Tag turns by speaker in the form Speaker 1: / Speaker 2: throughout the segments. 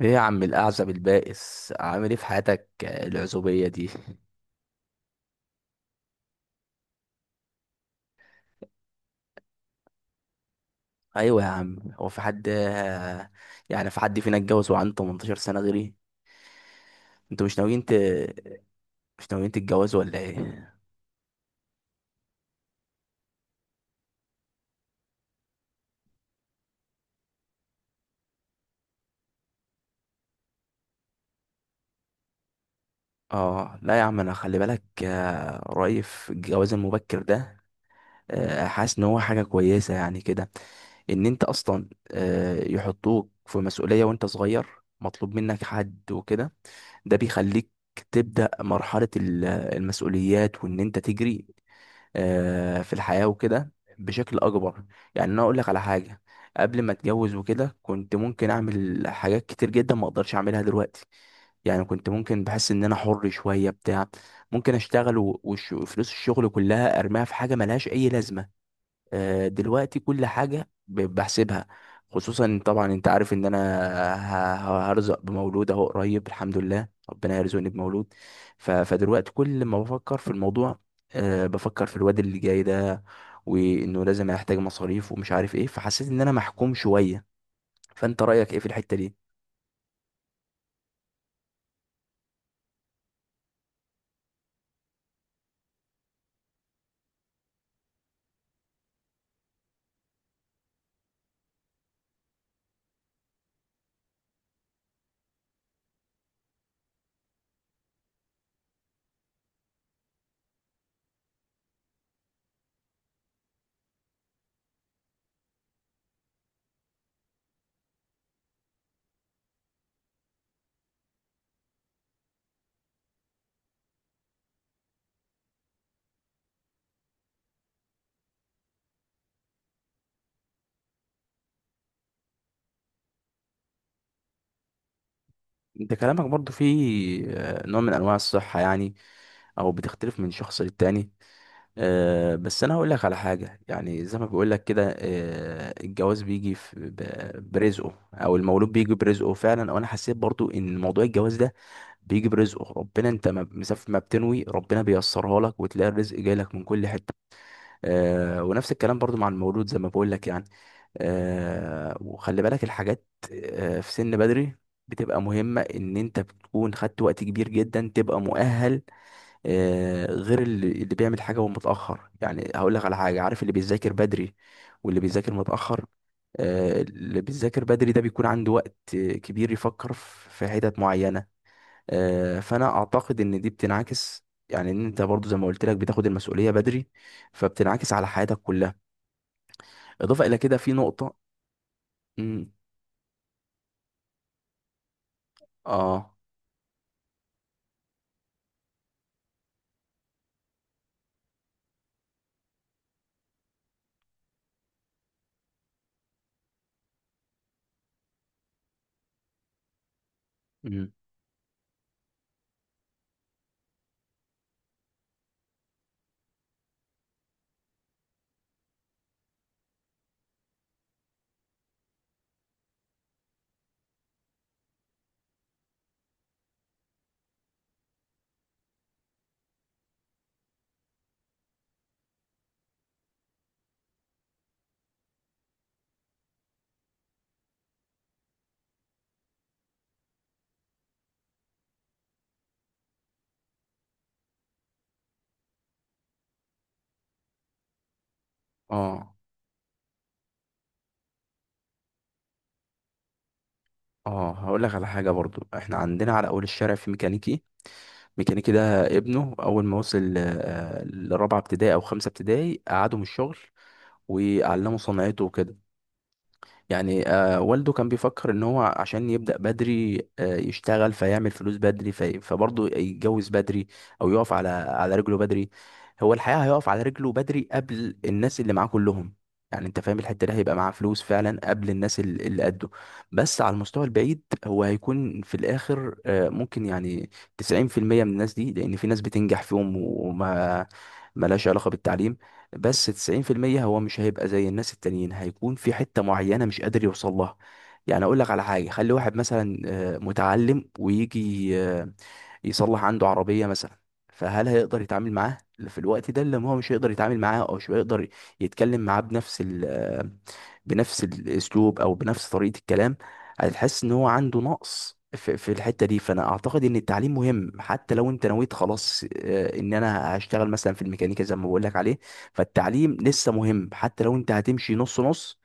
Speaker 1: ايه يا عم الاعزب البائس عامل ايه في حياتك، العزوبيه دي؟ ايوه يا عم، هو في حد، يعني في حد فينا اتجوز وعنده 18 سنه غيري؟ انتوا مش ناويين مش ناويين تتجوزوا ولا ايه؟ اه لا يا عم، انا خلي بالك، رأيي في الجواز المبكر ده، حاسس ان هو حاجه كويسه يعني كده. ان انت اصلا يحطوك في مسؤوليه وانت صغير، مطلوب منك حد وكده. ده بيخليك تبدأ مرحلة المسؤوليات وإن أنت تجري في الحياة وكده بشكل أكبر. يعني أنا أقول لك على حاجة، قبل ما أتجوز وكده كنت ممكن أعمل حاجات كتير جدا ما أقدرش أعملها دلوقتي. يعني كنت ممكن بحس إن أنا حر شوية بتاع، ممكن أشتغل وفلوس الشغل كلها أرميها في حاجة ملهاش أي لازمة. دلوقتي كل حاجة بحسبها، خصوصا طبعا انت عارف ان انا ه- هرزق بمولود اهو قريب، الحمد لله ربنا يرزقني بمولود. فدلوقتي كل ما بفكر في الموضوع، بفكر في الواد اللي جاي ده، وانه لازم هيحتاج مصاريف ومش عارف ايه، فحسيت ان انا محكوم شوية. فانت رأيك ايه في الحتة دي؟ انت كلامك برضو فيه نوع من انواع الصحة يعني، او بتختلف من شخص للتاني. بس انا هقول لك على حاجة، يعني زي ما بقول لك كده، الجواز بيجي برزقه، او المولود بيجي برزقه فعلا، او انا حسيت برضو ان موضوع الجواز ده بيجي برزقه. ربنا، انت ما مسافر ما بتنوي، ربنا بيسرها لك وتلاقي الرزق جاي لك من كل حتة. ونفس الكلام برضو مع المولود زي ما بقول لك يعني. آه وخلي بالك، الحاجات آه في سن بدري بتبقى مهمة، ان انت بتكون خدت وقت كبير جدا تبقى مؤهل، آه غير اللي بيعمل حاجة وهو متأخر. يعني هقول لك على حاجة، عارف اللي بيذاكر بدري واللي بيذاكر متأخر؟ آه اللي بيذاكر بدري ده بيكون عنده وقت كبير يفكر في حتت معينة. آه فانا اعتقد ان دي بتنعكس، يعني ان انت برضو زي ما قلت لك بتاخد المسؤولية بدري، فبتنعكس على حياتك كلها. اضافة الى كده في نقطة. مم، اه مم. اه اه، هقول لك على حاجه برضو. احنا عندنا على اول الشارع في ميكانيكي، ميكانيكي ده ابنه اول ما وصل لرابعه ابتدائي او خمسه ابتدائي قعده من الشغل وعلمه صنعته وكده. يعني آه والده كان بيفكر ان هو عشان يبدأ بدري آه يشتغل فيعمل فلوس بدري، في فبرضه يتجوز بدري، او يقف على على رجله بدري. هو الحقيقة هيقف على رجله بدري قبل الناس اللي معاه كلهم. يعني انت فاهم الحتة دي، هيبقى معاه فلوس فعلا قبل الناس اللي قده. بس على المستوى البعيد هو هيكون في الاخر آه ممكن يعني 90% من الناس دي، لان في ناس بتنجح فيهم وما ملهاش علاقة بالتعليم، بس 90% هو مش هيبقى زي الناس التانيين، هيكون في حتة معينة مش قادر يوصل لها. يعني اقول لك على حاجة، خلي واحد مثلا متعلم، ويجي يصلح عنده عربية مثلا، فهل هيقدر يتعامل معاه في الوقت ده؟ اللي هو مش هيقدر يتعامل معاه، او مش هيقدر يتكلم معاه بنفس ال آه، بنفس الاسلوب او بنفس طريقة الكلام. هتحس ان هو عنده نقص في الحتة دي. فانا اعتقد ان التعليم مهم، حتى لو انت نويت خلاص ان انا هشتغل مثلا في الميكانيكا زي ما بقول لك عليه، فالتعليم لسه مهم حتى لو انت هتمشي نص نص.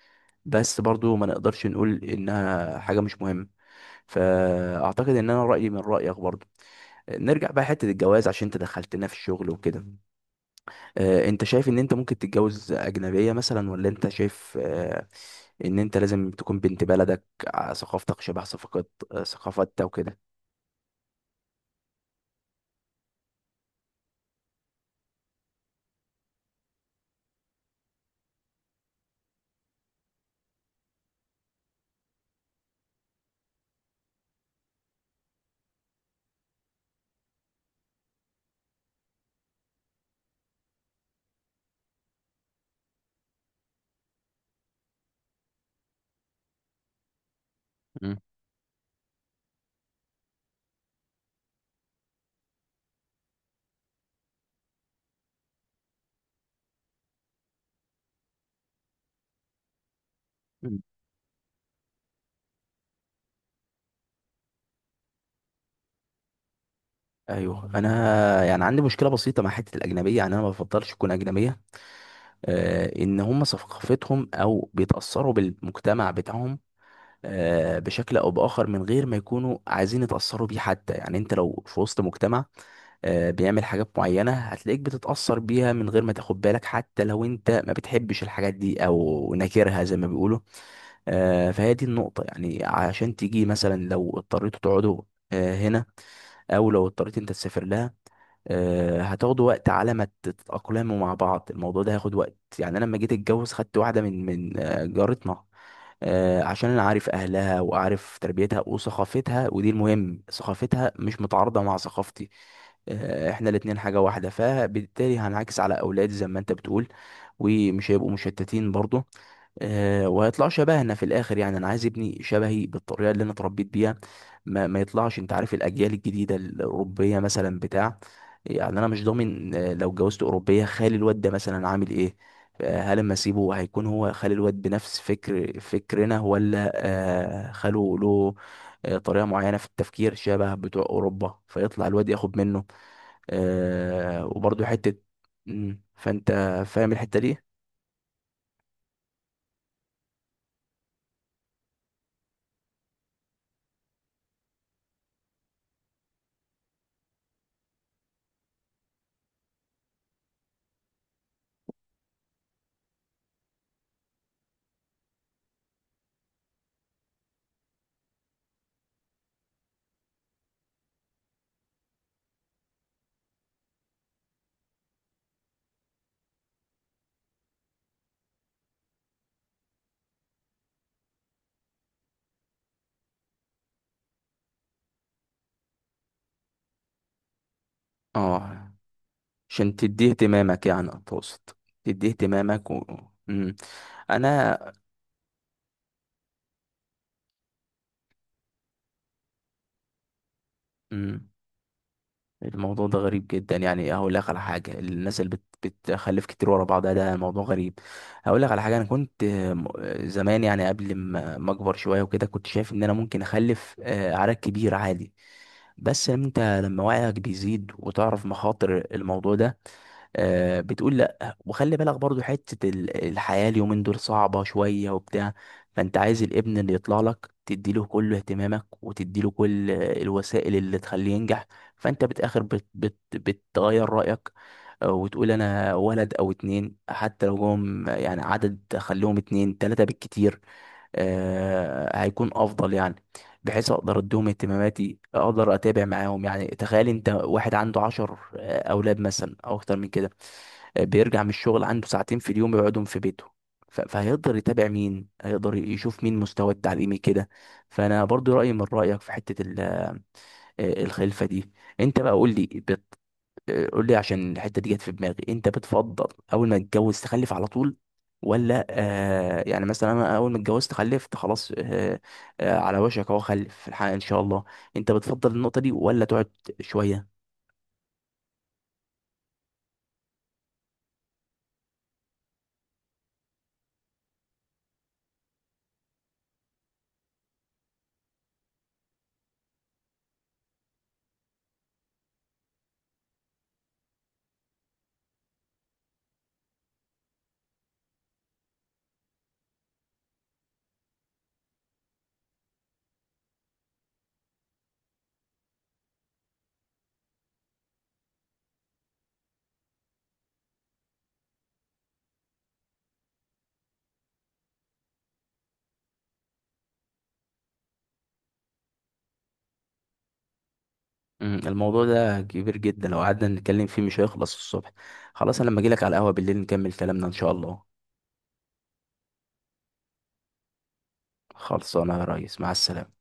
Speaker 1: بس برضو ما نقدرش نقول انها حاجة مش مهمة. فاعتقد ان انا رأيي من رأيك برضو. نرجع بقى حتة الجواز عشان انت دخلتنا في الشغل وكده. انت شايف ان انت ممكن تتجوز اجنبية مثلا، ولا انت شايف ان انت لازم تكون بنت بلدك، ثقافتك شبه ثقافة ثقافتها وكده؟ مم. مم. ايوه، انا يعني عندي مشكله بسيطه مع حته الاجنبيه، يعني انا ما بفضلش تكون اجنبيه. ان هم ثقافتهم او بيتاثروا بالمجتمع بتاعهم بشكل او باخر، من غير ما يكونوا عايزين يتاثروا بيه حتى. يعني انت لو في وسط مجتمع بيعمل حاجات معينه هتلاقيك بتتاثر بيها من غير ما تاخد بالك، حتى لو انت ما بتحبش الحاجات دي او ناكرها زي ما بيقولوا. فهي دي النقطه يعني. عشان تيجي مثلا لو اضطريتوا تقعدوا هنا، او لو اضطريت انت تسافر لها، هتاخدوا وقت على ما تتأقلموا مع بعض. الموضوع ده هياخد وقت يعني. انا لما جيت اتجوز خدت واحده من من جارتنا، عشان انا عارف اهلها وعارف تربيتها وثقافتها، ودي المهم ثقافتها مش متعارضه مع ثقافتي. احنا الاتنين حاجه واحده، فبالتالي هنعكس على اولادي زي ما انت بتقول، ومش هيبقوا مشتتين برضو. وهيطلعوا شبهنا في الاخر. يعني انا عايز ابني شبهي بالطريقه اللي انا اتربيت بيها، ما يطلعش، انت عارف الاجيال الجديده الاوروبيه مثلا بتاع. يعني انا مش ضامن لو اتجوزت اوروبيه خالي الواد ده مثلا عامل ايه. هل اما اسيبه هيكون هو خالي الواد بنفس فكرنا، ولا خاله له طريقه معينه في التفكير شبه بتوع اوروبا فيطلع الواد ياخد منه، وبرضه حته. فانت فاهم الحته دي؟ اه، عشان تديه اهتمامك يعني؟ أتقصد تديه اهتمامك و... مم. أنا مم. الموضوع ده غريب جدا. يعني هقول لك على حاجة، الناس اللي بتخلف كتير ورا بعضها ده موضوع غريب. هقول لك على حاجة، أنا كنت زمان، يعني قبل ما أكبر شوية وكده كنت شايف إن أنا ممكن أخلف عدد كبير عادي. بس أنت لما وعيك بيزيد وتعرف مخاطر الموضوع ده، بتقول لا. وخلي بالك برضو حتة الحياة، اليومين دول صعبة شوية وبتاع. فانت عايز الابن اللي يطلع لك تديله كل اهتمامك وتديله كل الوسائل اللي تخليه ينجح. فانت بتاخر بت بت بتغير رأيك، وتقول انا ولد او اتنين. حتى لو جم يعني عدد خليهم اتنين تلاتة بالكتير، هيكون افضل يعني. بحيث اقدر اديهم اهتماماتي، اقدر اتابع معاهم. يعني تخيل انت واحد عنده عشر اولاد مثلا او اكتر من كده، بيرجع من الشغل عنده ساعتين في اليوم يقعدهم في بيته، فهيقدر يتابع مين؟ هيقدر يشوف مين مستواه التعليمي كده؟ فانا برضو رأيي من رأيك في حتة الخلفة دي. انت بقى قول لي، قول لي عشان الحته دي جت في دماغي، انت بتفضل اول ما تتجوز تخلف على طول، ولا آه؟ يعني مثلا انا اول ما اتجوزت خلفت خلاص آه، آه على وشك اهو خلف في الحقيقه ان شاء الله. انت بتفضل النقطه دي ولا تقعد شويه؟ مم، الموضوع ده كبير جدا، لو قعدنا نتكلم فيه مش هيخلص الصبح. خلاص انا لما اجي لك على القهوه بالليل نكمل كلامنا ان شاء الله. خلصانه يا ريس، مع السلامه.